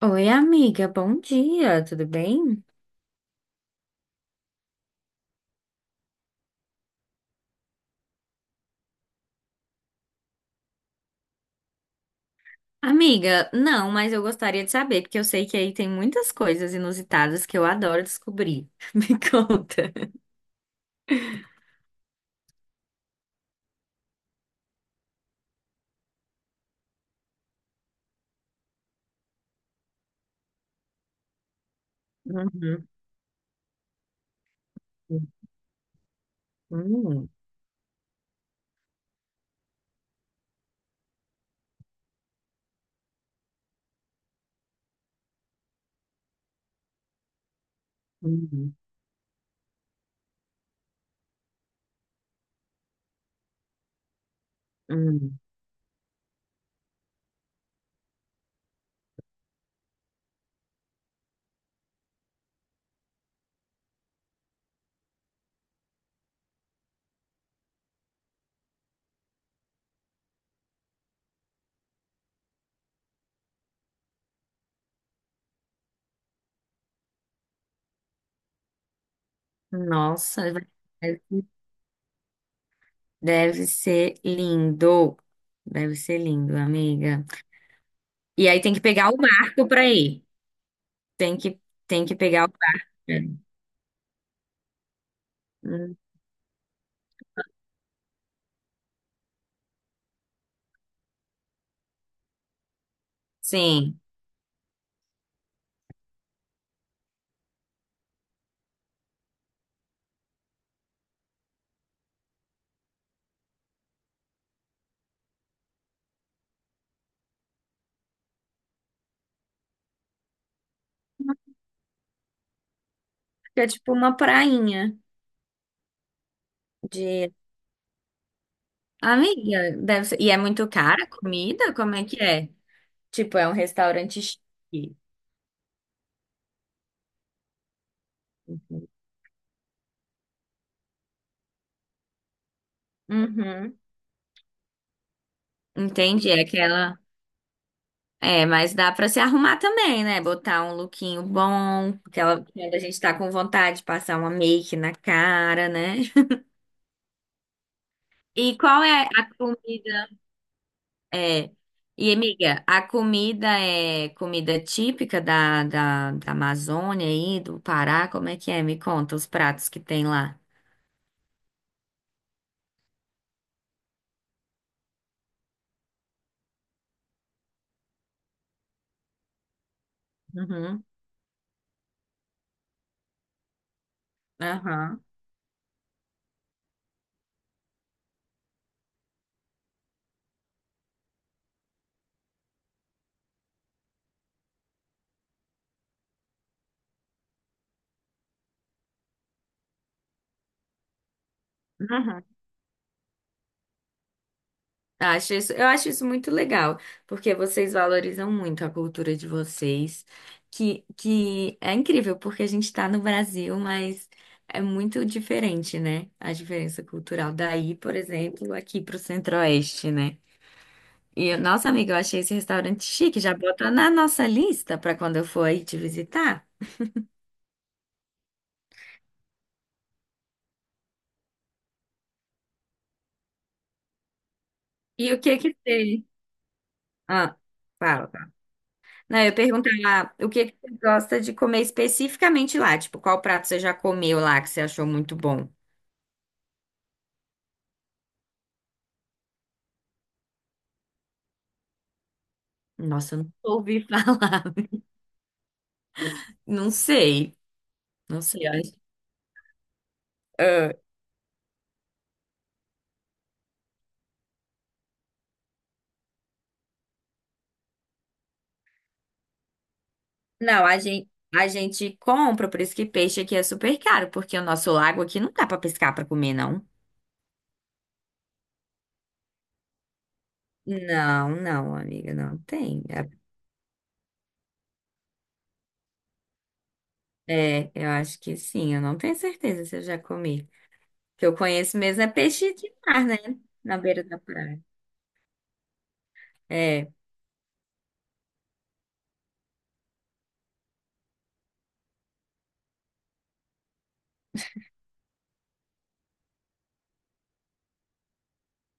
Oi, amiga, bom dia, tudo bem? Amiga, não, mas eu gostaria de saber, porque eu sei que aí tem muitas coisas inusitadas que eu adoro descobrir. Me conta. Uhum, uhum, uhum, uhum. Nossa, deve deve ser lindo. Deve ser lindo, amiga. E aí tem que pegar o barco pra ir. Tem que, tem que pegar o barco. Hum, Sim. É tipo uma prainha de. Amiga, deve ser. E é muito cara a comida? Como é que é? Tipo, é um restaurante chique. Uhum. Entendi, é aquela. É, mas dá pra se arrumar também, né? Botar um lookinho bom, aquela quando a gente tá com vontade de passar uma make na cara, né? E qual é a comida? É. E, amiga, a comida é comida típica da, da Amazônia aí, do Pará? Como é que é? Me conta os pratos que tem lá. Uhum. Aham. Uhum. Acho isso, eu acho isso muito legal, porque vocês valorizam muito a cultura de vocês, que é incrível, porque a gente está no Brasil, mas é muito diferente, né? A diferença cultural daí, por exemplo, aqui para o Centro-Oeste, né? E, nossa amiga, eu achei esse restaurante chique, já bota na nossa lista para quando eu for aí te visitar. E o que que tem? Ah, fala. Não, eu ia perguntar o que que você gosta de comer especificamente lá? Tipo, qual prato você já comeu lá que você achou muito bom? Nossa, eu não ouvi falar. Não sei. Não sei. Ah, não, a gente compra, por isso que peixe aqui é super caro, porque o nosso lago aqui não dá pra pescar pra comer, não. Não, não, amiga, não tem. É, eu acho que sim, eu não tenho certeza se eu já comi. O que eu conheço mesmo é peixe de mar, né? Na beira da praia. É.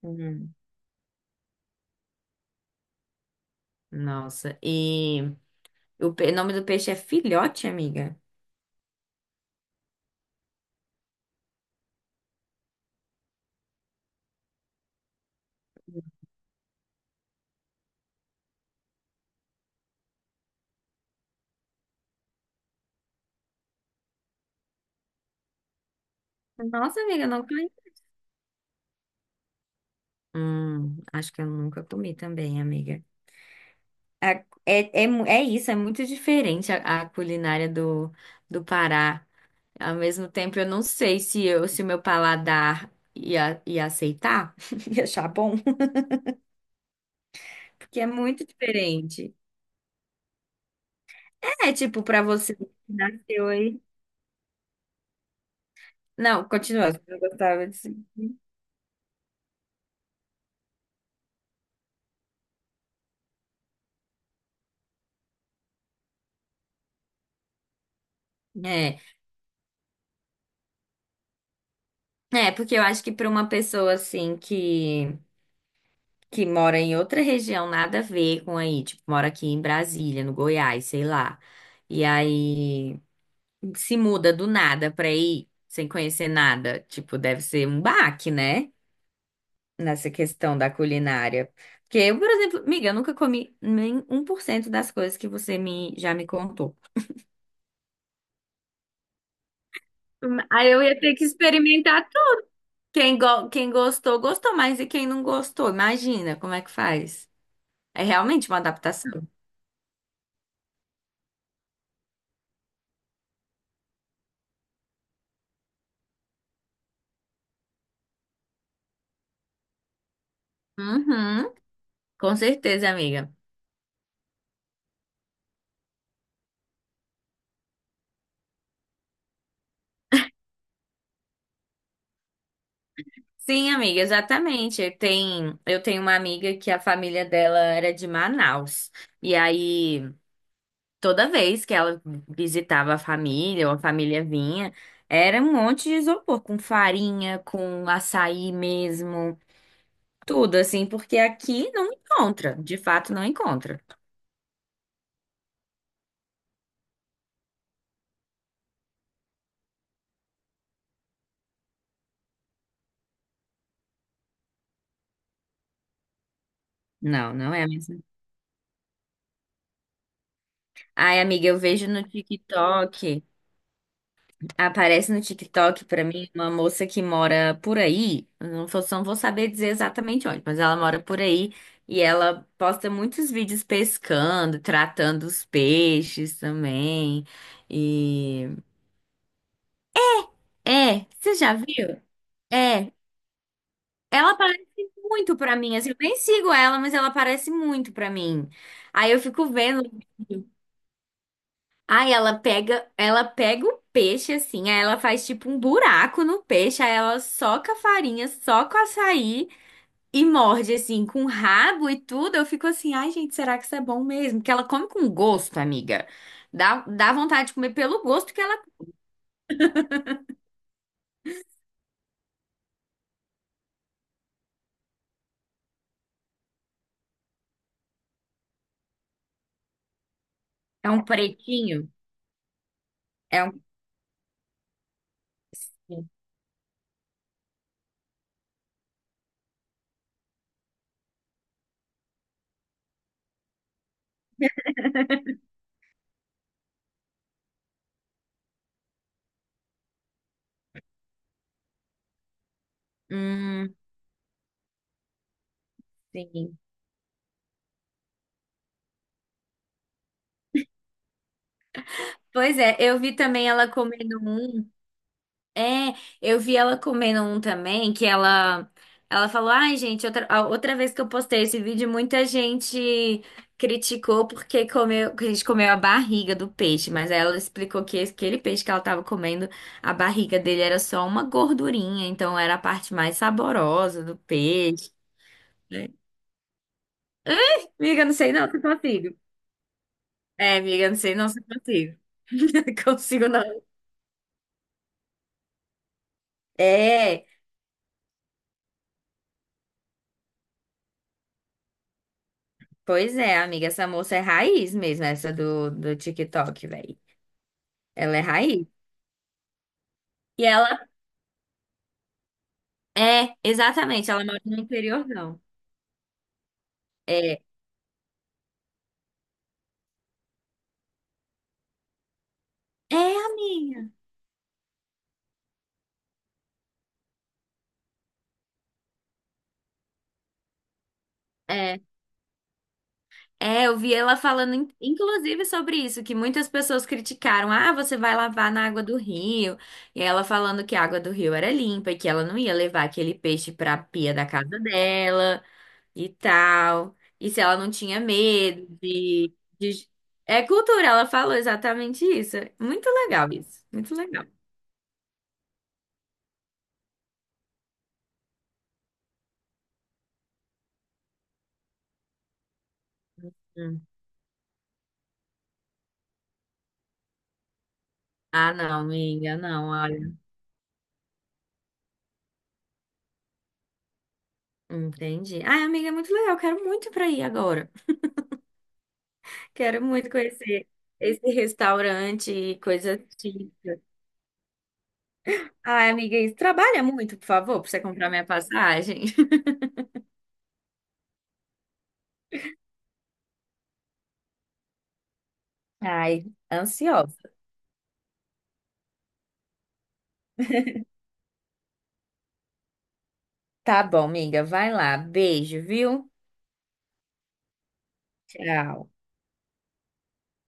Uhum. Nossa, e o, o nome do peixe é filhote, amiga? Nossa, amiga, não comi. Acho que eu nunca comi também, amiga. É, é isso, é muito diferente a culinária do, do Pará. Ao mesmo tempo, eu não sei se eu, se o meu paladar ia aceitar, ia achar bom, porque é muito diferente. É, tipo, pra você que nasceu aí. Não, continua, eu gostava disso. É, porque eu acho que pra uma pessoa assim que mora em outra região, nada a ver com aí, tipo, mora aqui em Brasília, no Goiás, sei lá. E aí se muda do nada pra ir, sem conhecer nada. Tipo, deve ser um baque, né? Nessa questão da culinária. Porque eu, por exemplo, amiga, eu nunca comi nem um por cento das coisas que você me, já me contou. Aí eu ia ter que experimentar tudo. Quem gostou, gostou, mas e quem não gostou? Imagina como é que faz. É realmente uma adaptação. Uhum, com certeza, amiga. Sim, amiga, exatamente. Tem, eu tenho uma amiga que a família dela era de Manaus. E aí, toda vez que ela visitava a família, ou a família vinha, era um monte de isopor, com farinha, com açaí mesmo, tudo assim, porque aqui não encontra, de fato não encontra. Não, não é mesmo. Ai, amiga, eu vejo no TikTok. Aparece no TikTok pra mim uma moça que mora por aí, eu não vou, não vou saber dizer exatamente onde, mas ela mora por aí e ela posta muitos vídeos pescando, tratando os peixes também. E é, você já viu? É, ela aparece muito pra mim, assim, eu nem sigo ela, mas ela aparece muito pra mim. Aí eu fico vendo. Aí ela pega o peixe assim, aí ela faz tipo um buraco no peixe, aí ela soca a farinha, soca o açaí e morde assim com o rabo e tudo. Eu fico assim, ai gente, será que isso é bom mesmo? Porque ela come com gosto, amiga. Dá vontade de comer pelo gosto que ela. É um pretinho, é um. Hum, sim. Pois é, eu vi também ela comendo um. É, eu vi ela comendo um também, que ela falou: "Ai, gente, outra, a outra vez que eu postei esse vídeo, muita gente criticou porque comeu, que a gente comeu a barriga do peixe, mas aí ela explicou que aquele peixe que ela tava comendo, a barriga dele era só uma gordurinha, então era a parte mais saborosa do peixe, né? Amiga, não sei não se consigo. É, amiga, não sei não se consigo. Consigo não. É, pois é, amiga, essa moça é raiz mesmo, essa do, do TikTok, velho. Ela é raiz. E ela é, exatamente, ela mora no interior, não. É, é a minha. É. É, eu vi ela falando, inclusive, sobre isso, que muitas pessoas criticaram. Ah, você vai lavar na água do rio. E ela falando que a água do rio era limpa e que ela não ia levar aquele peixe pra pia da casa dela e tal. E se ela não tinha medo de... É cultura, ela falou exatamente isso. Muito legal isso, muito legal. Hum. Ah, não, amiga, não. Entendi. Ai, amiga, é muito legal. Quero muito ir pra aí agora. Quero muito conhecer esse restaurante, coisa típica. Ai, amiga, isso trabalha muito, por favor, pra você comprar minha passagem. Ai, ansiosa. Tá bom, amiga. Vai lá. Beijo, viu? Tchau.